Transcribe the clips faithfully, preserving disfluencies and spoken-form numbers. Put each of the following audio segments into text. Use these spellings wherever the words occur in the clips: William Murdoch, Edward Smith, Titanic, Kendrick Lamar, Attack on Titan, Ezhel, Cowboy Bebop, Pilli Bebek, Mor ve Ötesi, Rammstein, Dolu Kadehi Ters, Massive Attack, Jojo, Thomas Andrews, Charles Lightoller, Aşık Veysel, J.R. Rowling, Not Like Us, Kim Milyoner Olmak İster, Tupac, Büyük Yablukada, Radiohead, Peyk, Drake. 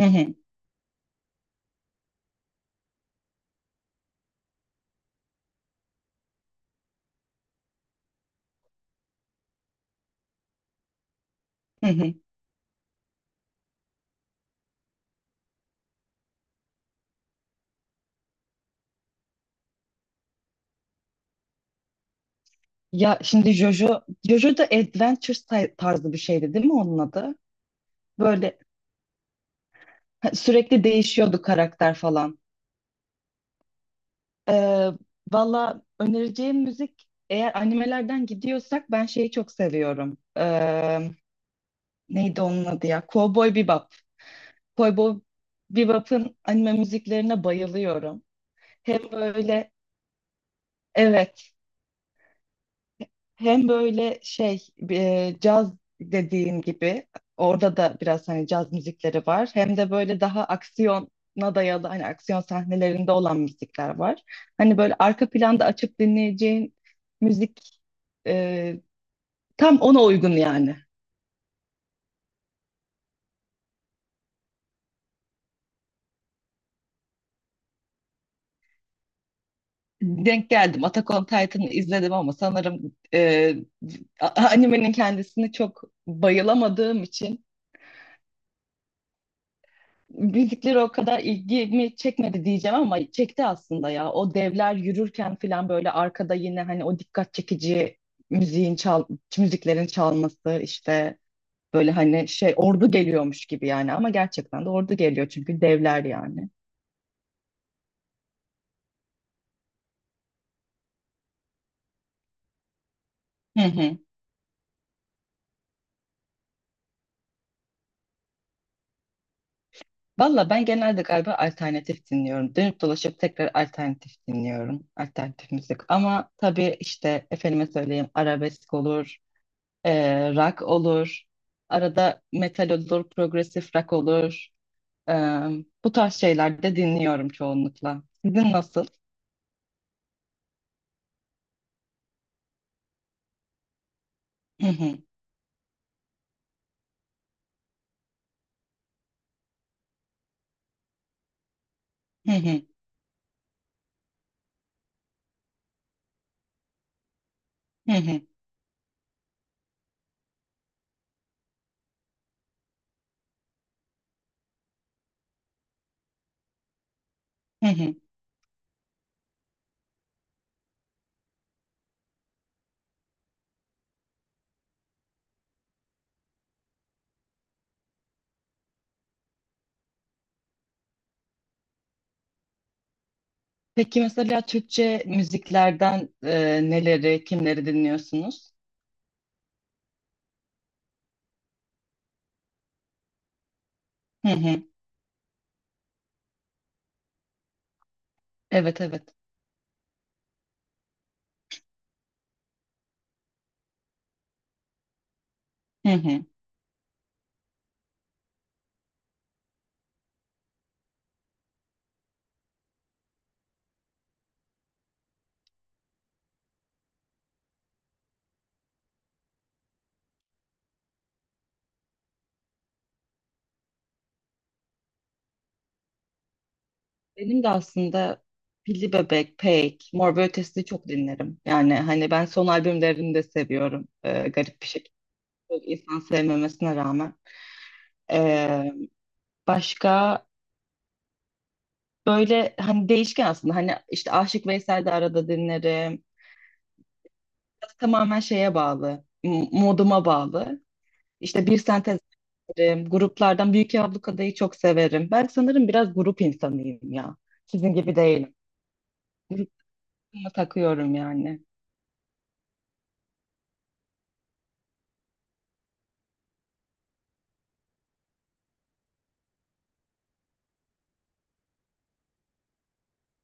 Hı hı, hı hı. Ya şimdi Jojo, Jojo da adventure tay- tarzı bir şeydi değil mi onun adı? Böyle ha, sürekli değişiyordu karakter falan. Ee, Valla önereceğim müzik eğer animelerden gidiyorsak ben şeyi çok seviyorum. Ee, neydi onun adı ya? Cowboy Bebop. Cowboy Bebop'ın anime müziklerine bayılıyorum. Hem böyle evet. Hem böyle şey, e, caz dediğin gibi orada da biraz hani caz müzikleri var. Hem de böyle daha aksiyona dayalı, hani aksiyon sahnelerinde olan müzikler var. Hani böyle arka planda açıp dinleyeceğin müzik, e, tam ona uygun yani. Denk geldim. Attack on Titan'ı izledim ama sanırım e, a- animenin kendisini çok bayılamadığım için müzikleri o kadar ilgimi çekmedi diyeceğim, ama çekti aslında ya. O devler yürürken falan böyle arkada yine hani o dikkat çekici müziğin çal müziklerin çalması işte, böyle hani şey ordu geliyormuş gibi yani, ama gerçekten de ordu geliyor çünkü devler yani. Hı hı. Valla ben genelde galiba alternatif dinliyorum. Dönüp dolaşıp tekrar alternatif dinliyorum. Alternatif müzik. Ama tabii işte efendime söyleyeyim arabesk olur. Ee, rock olur. Arada metal olur, progresif rock olur. Ee, Bu tarz şeyler de dinliyorum çoğunlukla. Sizin nasıl? Hı hı, hı hı, hı hı, hı hı. Peki mesela Türkçe müziklerden, e, neleri, kimleri dinliyorsunuz? Hı hı. Evet, evet. Hı hı. Benim de aslında Pilli Bebek, Peyk, Mor ve Ötesi'ni çok dinlerim. Yani hani ben son albümlerini de seviyorum. Ee, garip bir şekilde. Çok insan sevmemesine rağmen. E, başka, böyle hani değişken aslında, hani işte Aşık Veysel de arada dinlerim. Tamamen şeye bağlı, m- moduma bağlı. İşte bir sentez dinlerim, gruplardan Büyük Yablukada'yı çok severim. Ben sanırım biraz grup insanıyım ya. Sizin gibi değilim. Grupuma takıyorum yani.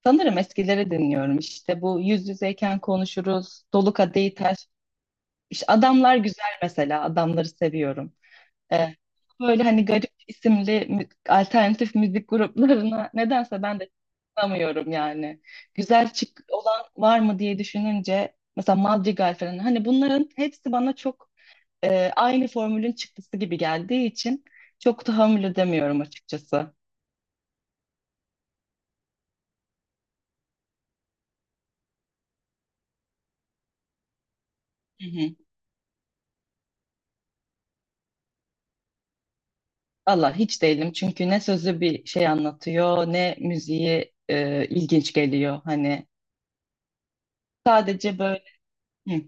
Sanırım eskileri dinliyorum. İşte bu yüz yüzeyken konuşuruz, Dolu Kadehi Ters. İşte adamlar güzel mesela, adamları seviyorum. Ee, Böyle hani garip isimli mü- alternatif müzik gruplarına nedense ben de tanımıyorum yani. Güzel çık olan var mı diye düşününce mesela Madrigal falan, hani bunların hepsi bana çok, e, aynı formülün çıktısı gibi geldiği için çok tahammül edemiyorum açıkçası. Hı hı. Valla hiç değilim, çünkü ne sözü bir şey anlatıyor ne müziği e, ilginç geliyor, hani sadece böyle. Hı.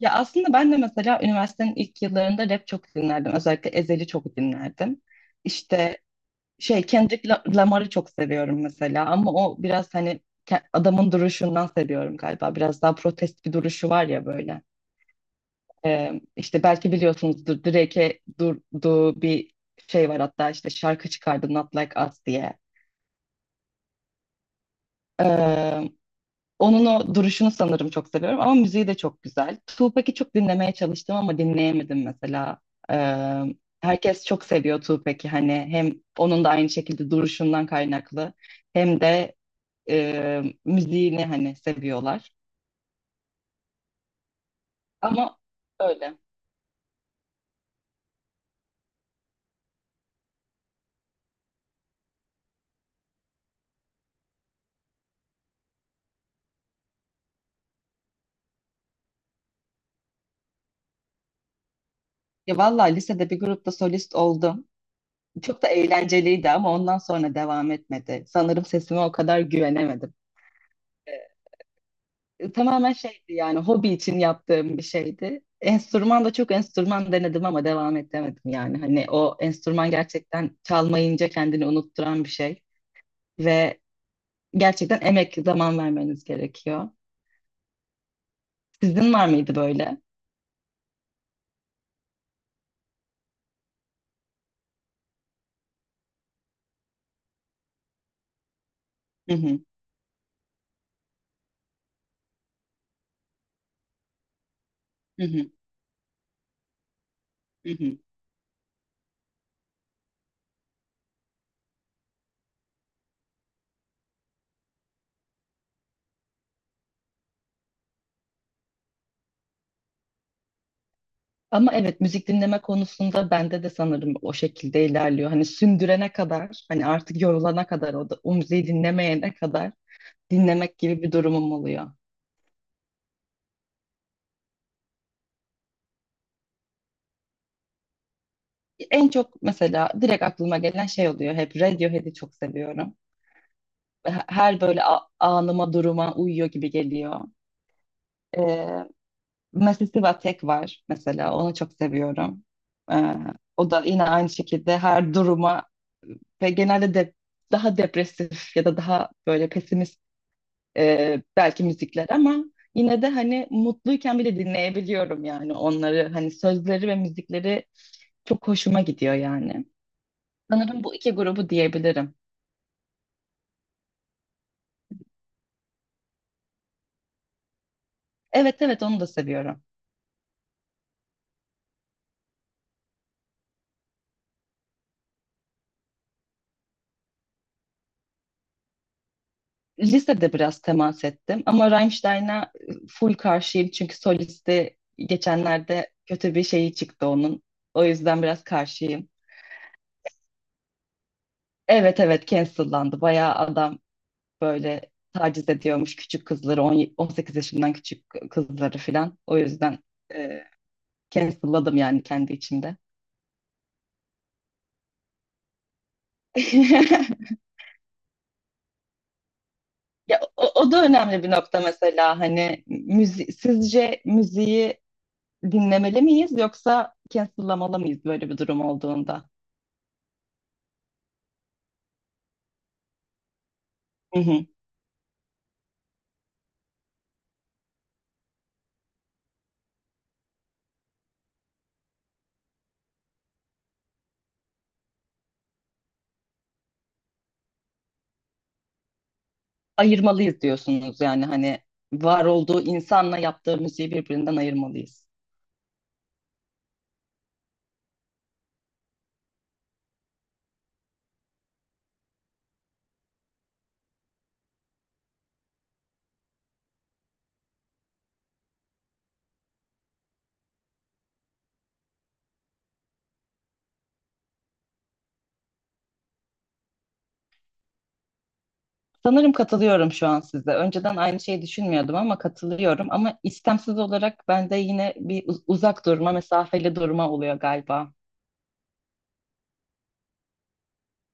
Ya aslında ben de mesela üniversitenin ilk yıllarında rap çok dinlerdim. Özellikle Ezhel'i çok dinlerdim. İşte şey, Kendrick La- Lamar'ı çok seviyorum mesela, ama o biraz hani ke- adamın duruşundan seviyorum galiba. Biraz daha protest bir duruşu var ya böyle. Ee, işte belki biliyorsunuzdur, Drake'e durduğu bir şey var hatta, işte şarkı çıkardı Not Like Us diye. Onun o duruşunu sanırım çok seviyorum ama müziği de çok güzel. Tupac'i çok dinlemeye çalıştım ama dinleyemedim mesela. Ee, Herkes çok seviyor Tupac'i, hani hem onun da aynı şekilde duruşundan kaynaklı hem de e, müziğini hani seviyorlar. Ama öyle. Ya vallahi lisede bir grupta solist oldum. Çok da eğlenceliydi ama ondan sonra devam etmedi. Sanırım sesime o kadar güvenemedim. Tamamen şeydi yani, hobi için yaptığım bir şeydi. Enstrüman da çok enstrüman denedim ama devam edemedim yani. Hani o enstrüman gerçekten çalmayınca kendini unutturan bir şey ve gerçekten emek, zaman vermeniz gerekiyor. Sizin var mıydı böyle? Hı hı, hı hı, hı hı. Ama evet, müzik dinleme konusunda bende de sanırım o şekilde ilerliyor. Hani sündürene kadar, hani artık yorulana kadar, o da o müziği dinlemeyene kadar dinlemek gibi bir durumum oluyor. En çok mesela direkt aklıma gelen şey oluyor hep, Radiohead'i çok seviyorum. Her böyle a- anıma duruma uyuyor gibi geliyor. Ee, Massive Attack var mesela, onu çok seviyorum. Ee, O da yine aynı şekilde her duruma, ve genelde de daha depresif ya da daha böyle pesimist, e, belki müzikler, ama yine de hani mutluyken bile dinleyebiliyorum yani onları, hani sözleri ve müzikleri çok hoşuma gidiyor yani. Sanırım bu iki grubu diyebilirim. Evet evet, onu da seviyorum. Lisede biraz temas ettim ama Rammstein'a e, full karşıyım, çünkü solisti geçenlerde kötü bir şeyi çıktı onun. O yüzden biraz karşıyım. Evet evet, cancellandı. Bayağı adam böyle taciz ediyormuş küçük kızları, on, on sekiz yaşından küçük kızları filan. O yüzden e, cancelladım yani kendi içimde. Ya o, o da önemli bir nokta mesela, hani müzi sizce müziği dinlemeli miyiz yoksa cancel'lamalı mıyız böyle bir durum olduğunda? Hı hı. Ayırmalıyız diyorsunuz yani, hani var olduğu insanla yaptığı müziği birbirinden ayırmalıyız. Sanırım katılıyorum şu an size. Önceden aynı şeyi düşünmüyordum ama katılıyorum. Ama istemsiz olarak bende yine bir uz- uzak durma, mesafeli durma oluyor galiba.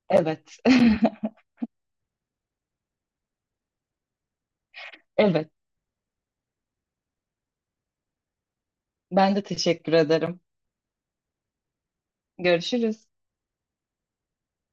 Evet, evet. Ben de teşekkür ederim. Görüşürüz.